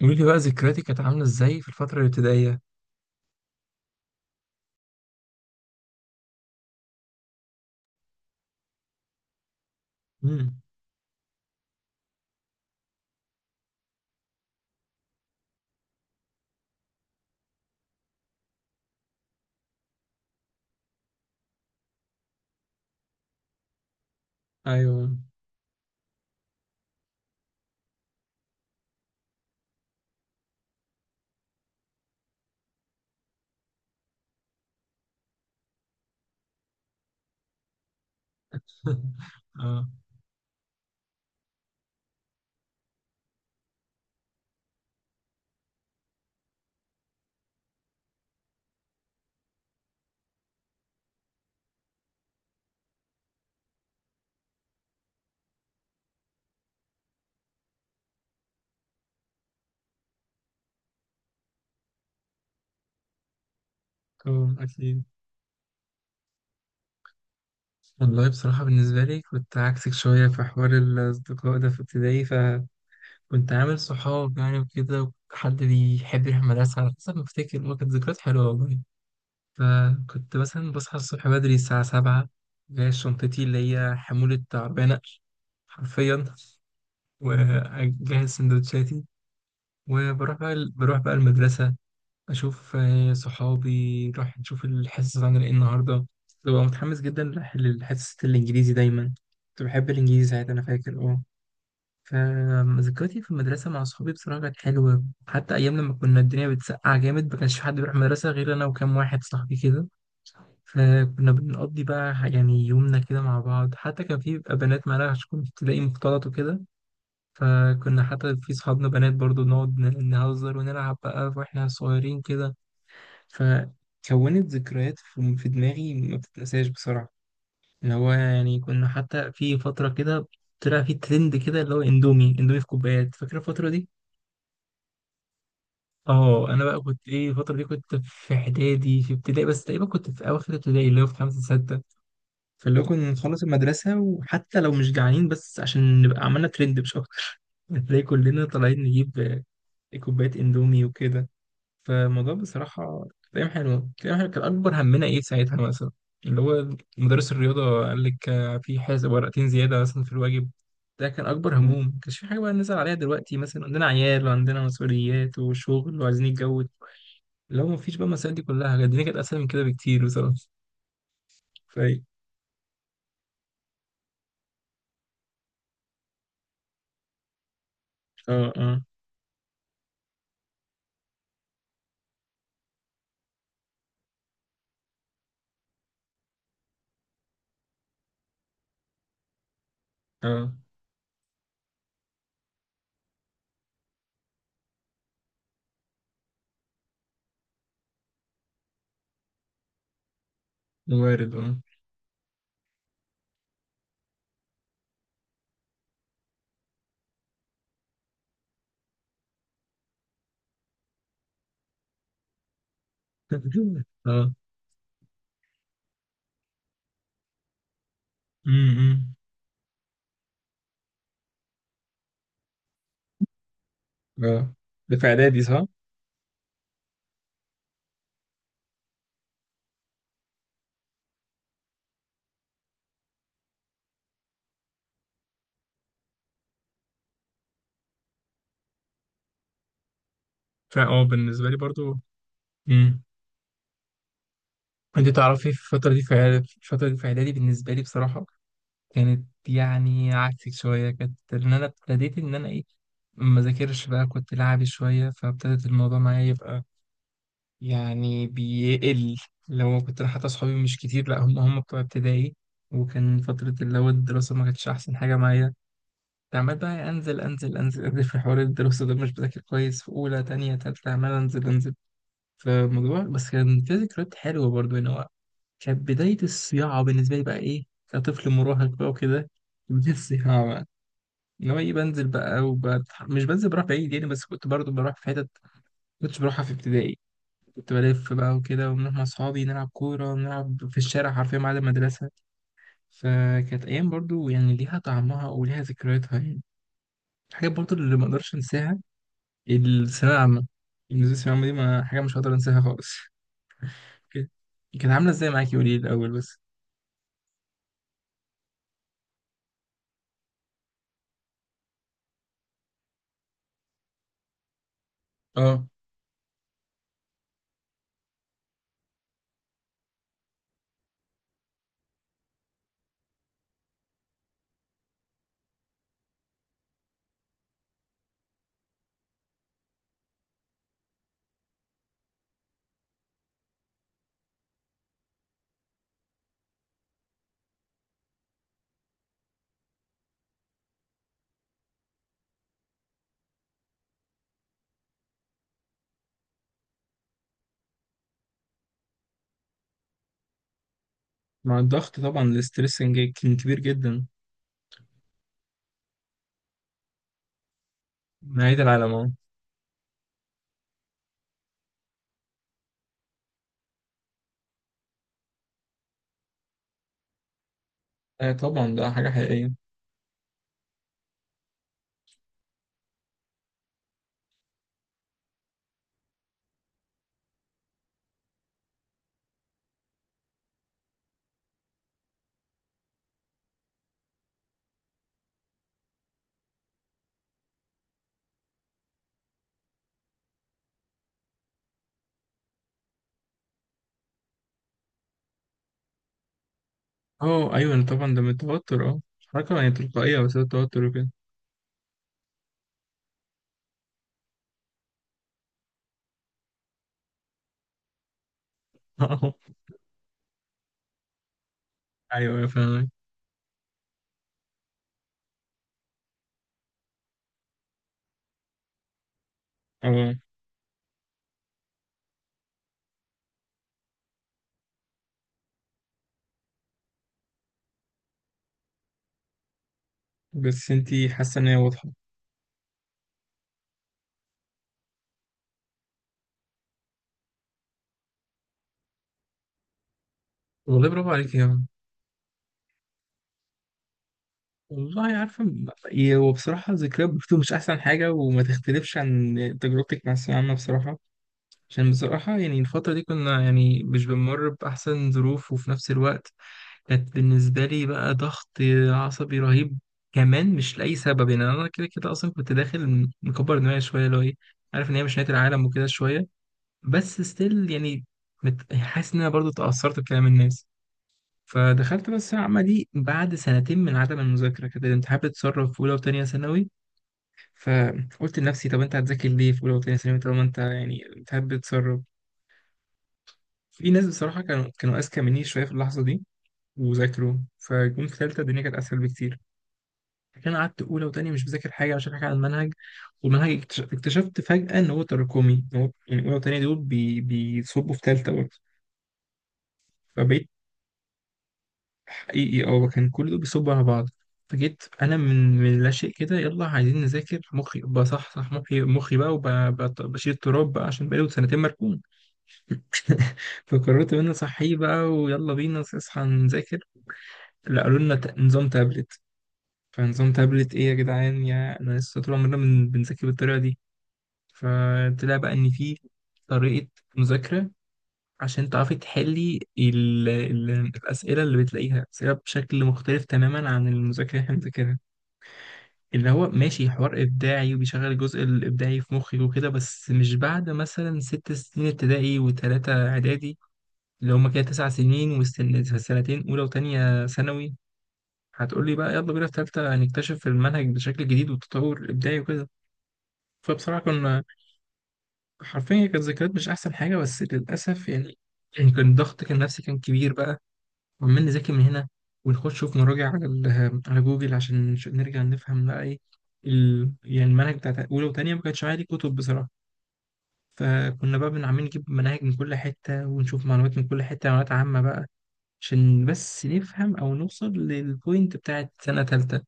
قولي لي بقى ذكرياتك كانت عاملة ازاي في الفترة الابتدائية؟ امم. ايوه. اه. اه. اكيد. والله بصراحة بالنسبة لي كنت عكسك شوية في حوار الأصدقاء ده في ابتدائي، فكنت عامل صحاب يعني وكده، وكنت حد بيحب يروح المدرسة. على حسب ما افتكر هو كانت ذكريات حلوة والله. فكنت مثلا بصحى الصبح بدري الساعة 7، جايب شنطتي اللي هي حمولة عربية نقل، حرفيا. وأجهز سندوتشاتي، وبروح بقى المدرسة. اشوف صحابي نروح نشوف الحصص عن ايه النهارده. ببقى متحمس جدا للحصة الانجليزي دايما. كنت بحب الانجليزي ساعتها، انا فاكر، اه. فذكرياتي في المدرسه مع صحابي بصراحه كانت حلوه، حتى ايام لما كنا الدنيا بتسقع جامد، ما كانش في حد بيروح المدرسه غير انا وكام واحد صاحبي كده. فكنا بنقضي بقى يعني يومنا كده مع بعض. حتى كان في بيبقى بنات معانا، عشان كنت تلاقي مختلط وكده. فكنا حتى في صحابنا بنات برضو نقعد نهزر ونلعب بقى واحنا صغيرين كده. فكونت ذكريات في دماغي ما بتتنساش بسرعة. اللي هو يعني كنا حتى في فترة كده طلع في ترند كده، اللي هو اندومي اندومي في كوبايات. فاكر الفترة دي؟ اه، انا بقى كنت ايه الفترة دي؟ كنت في اعدادي في ابتدائي، بس تقريبا كنت في اواخر ابتدائي، اللي هو في خمسة ستة. فاللي هو كنا نخلص المدرسة وحتى لو مش جعانين، بس عشان نبقى عملنا ترند مش أكتر. هتلاقي كلنا طالعين نجيب كوبايات اندومي وكده. فالموضوع بصراحة كان أيام حلوة، كان أيام حلوة. كان أكبر همنا إيه ساعتها؟ مثلا اللي هو مدرس الرياضة قال لك في حاجة ورقتين زيادة مثلا في الواجب. ده كان أكبر هموم. ما كانش في حاجة بقى نزعل عليها. دلوقتي مثلا عندنا عيال وعندنا مسؤوليات وشغل وعايزين نتجوز. لو ما فيش بقى المسائل دي كلها، كانت الدنيا كانت أسهل من كده بكتير بصراحة. فاي، اه. اه. اه. وارد، اه. اه. امم. اه. ده في إعدادي صح؟ فا اه، بالنسبة لي برضو. مم. انت تعرفي في الفترة دي في في الفترة دي في إعدادي، بالنسبة لي بصراحة كانت يعني عكسك شوية. كانت إن أنا ابتديت إن أنا إيه، ما ذاكرش بقى، كنت لعبي شوية. فابتدت الموضوع معايا يبقى يعني بيقل. لو كنت أنا، حتى أصحابي مش كتير، لأ، هم بتوع ابتدائي. وكان فترة اللي هو الدراسة ما كانتش أحسن حاجة معايا. كنت عمال بقى أنزل أنزل، أنزل أنزل في حوار الدراسة ده، مش بذاكر كويس في أولى تانية تالتة، عمال أنزل أنزل في الموضوع. بس كان في ذكريات حلوة برضه هنا. كانت بداية الصياعة بالنسبة لي بقى، إيه، كطفل مراهق بقى وكده. بداية الصياعة بقى، إن هو إيه، مش بنزل بروح بعيد يعني، بس كنت برضو بروح في حتت كنتش بروحها في ابتدائي. كنت بلف بقى وكده، وبنروح مع أصحابي نلعب كورة ونلعب في الشارع، حرفيا بعد المدرسة. فكانت أيام برضو يعني ليها طعمها وليها ذكرياتها يعني. الحاجات برضو اللي ما أقدرش أنساها. الثانوية العامة، بالنسبة للثانوية العامة دي، ما حاجة مش هقدر أنساها خالص. كانت، كانت عاملة إزاي معاكي؟ قولي لي الأول بس. آه. مع الضغط طبعا، الاسترس كان كبير جدا. نهاية العالم، اه. طبعا ده حاجة حقيقية. اه ايوه، طبعا ده من التوتر، اه. حركة يعني تلقائية، بس التوتر وكده. اه ايوه، أيوة، فاهمك. اه. بس انتي حاسة ان هي واضحة. والله برافو عليك يا عم. والله عارفة، هو بصراحة ذكريات برضه مش أحسن حاجة وما تختلفش عن تجربتك مع الثانوية العامة بصراحة. عشان بصراحة يعني الفترة دي كنا يعني مش بنمر بأحسن ظروف، وفي نفس الوقت كانت بالنسبة لي بقى ضغط عصبي رهيب. كمان مش لأي سبب، يعني أنا كده كده أصلا كنت داخل مكبر دماغي شوية، اللي هو إيه، عارف إن هي مش نهاية العالم وكده شوية، بس ستيل يعني حاسس إن أنا برضه اتأثرت بكلام الناس. فدخلت بس العمة دي بعد سنتين من عدم المذاكرة كده. الامتحان بتسرب في أولى وتانية ثانوي. فقلت لنفسي، طب أنت هتذاكر ليه في أولى وتانية ثانوي طالما أنت يعني الامتحان بتسرب. في ناس بصراحة كانوا أذكى مني شوية في اللحظة دي، وذاكروا فجم في تالتة. الدنيا كانت أسهل بكتير. فكان قعدت اولى وتانية مش مذاكر حاجه، مش فاكر حاجه عن المنهج. والمنهج اكتشفت فجاه ان هو تراكمي، إن هو يعني اولى وتانية دول بيصبوا في تالتة برضه. فبقيت حقيقي، اه، كان كل دول بيصبوا على بعض. فجيت انا من لا شيء كده، يلا عايزين نذاكر. مخي بصحصح، مخي بقى، وبشيل التراب بقى عشان بقالي سنتين مركون. فقررت ان انا صحيح بقى، ويلا بينا اصحى نذاكر. لا، قالوا لنا نظام تابلت. فنظام تابلت ايه يا جدعان؟ يا انا لسه طول عمرنا بنذاكر بالطريقه دي. فطلع بقى ان في طريقة مذاكرة عشان تعرفي تحلي الأسئلة، اللي بتلاقيها أسئلة بشكل مختلف تماما عن المذاكرة اللي احنا بنذاكرها. اللي هو ماشي حوار إبداعي وبيشغل الجزء الإبداعي في مخك وكده، بس مش بعد مثلا 6 سنين ابتدائي وتلاتة إعدادي، اللي هما كده 9 سنين، والسنتين أولى وتانية ثانوي، هتقولي بقى يلا بينا في تالتة نكتشف المنهج بشكل جديد والتطور الإبداعي وكده. فبصراحة كنا حرفيا كانت ذكريات مش احسن حاجه بس للاسف يعني. يعني كان الضغط كان نفسي كان كبير بقى، وعمال نذاكر من هنا ونخش في مراجع على على جوجل عشان نرجع نفهم بقى ايه يعني المنهج بتاع اولى وتانية ما كانش عادي كتب بصراحه. فكنا بقى عاملين نجيب مناهج من كل حته ونشوف معلومات من كل حته، معلومات عامه بقى، عشان بس نفهم او نوصل للبوينت بتاعت سنه تالتة.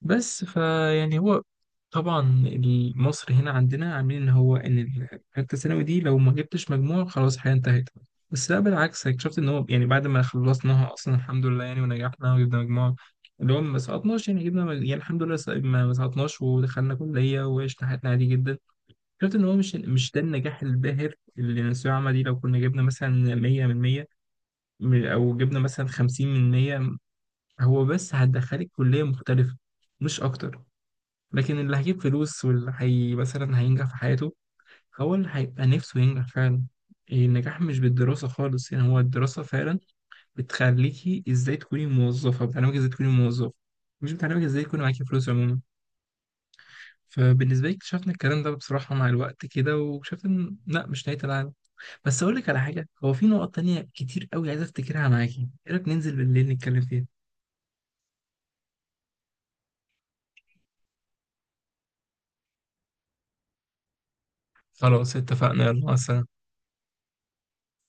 بس فيعني هو طبعا مصر هنا عندنا عاملين ان هو ان الثالثه ثانوي دي لو ما جبتش مجموع خلاص الحياه انتهت. بس لا، بالعكس، اكتشفت ان هو يعني بعد ما خلصناها اصلا الحمد لله يعني، ونجحنا وجبنا مجموع اللي هو ما سقطناش. يعني جبنا يعني الحمد لله، ما سقطناش، ودخلنا كليه وعشنا حياتنا عادي جدا. اكتشفت ان هو مش ده النجاح الباهر. اللي الثانويه العامه دي لو كنا جبنا مثلا 100 من 100، او جبنا مثلا 50 من 100، هو بس هتدخلك كليه مختلفه، مش اكتر. لكن اللي هيجيب فلوس واللي هي مثلا هينجح في حياته، هو اللي هيبقى نفسه ينجح فعلا. النجاح مش بالدراسة خالص يعني. هو الدراسة فعلا بتخليكي ازاي تكوني موظفة، بتعلمك ازاي تكوني موظف، مش بتعلمك ازاي يكون معاكي فلوس عموما. فبالنسبة لي اكتشفنا الكلام ده بصراحة مع الوقت كده، واكتشفت ان لا، مش نهاية العالم. بس اقول لك على حاجة، هو في نقط تانية كتير قوي عايز افتكرها معاكي. ايه رأيك ننزل بالليل نتكلم فيها؟ خلاص اتفقنا، يلا مثلا.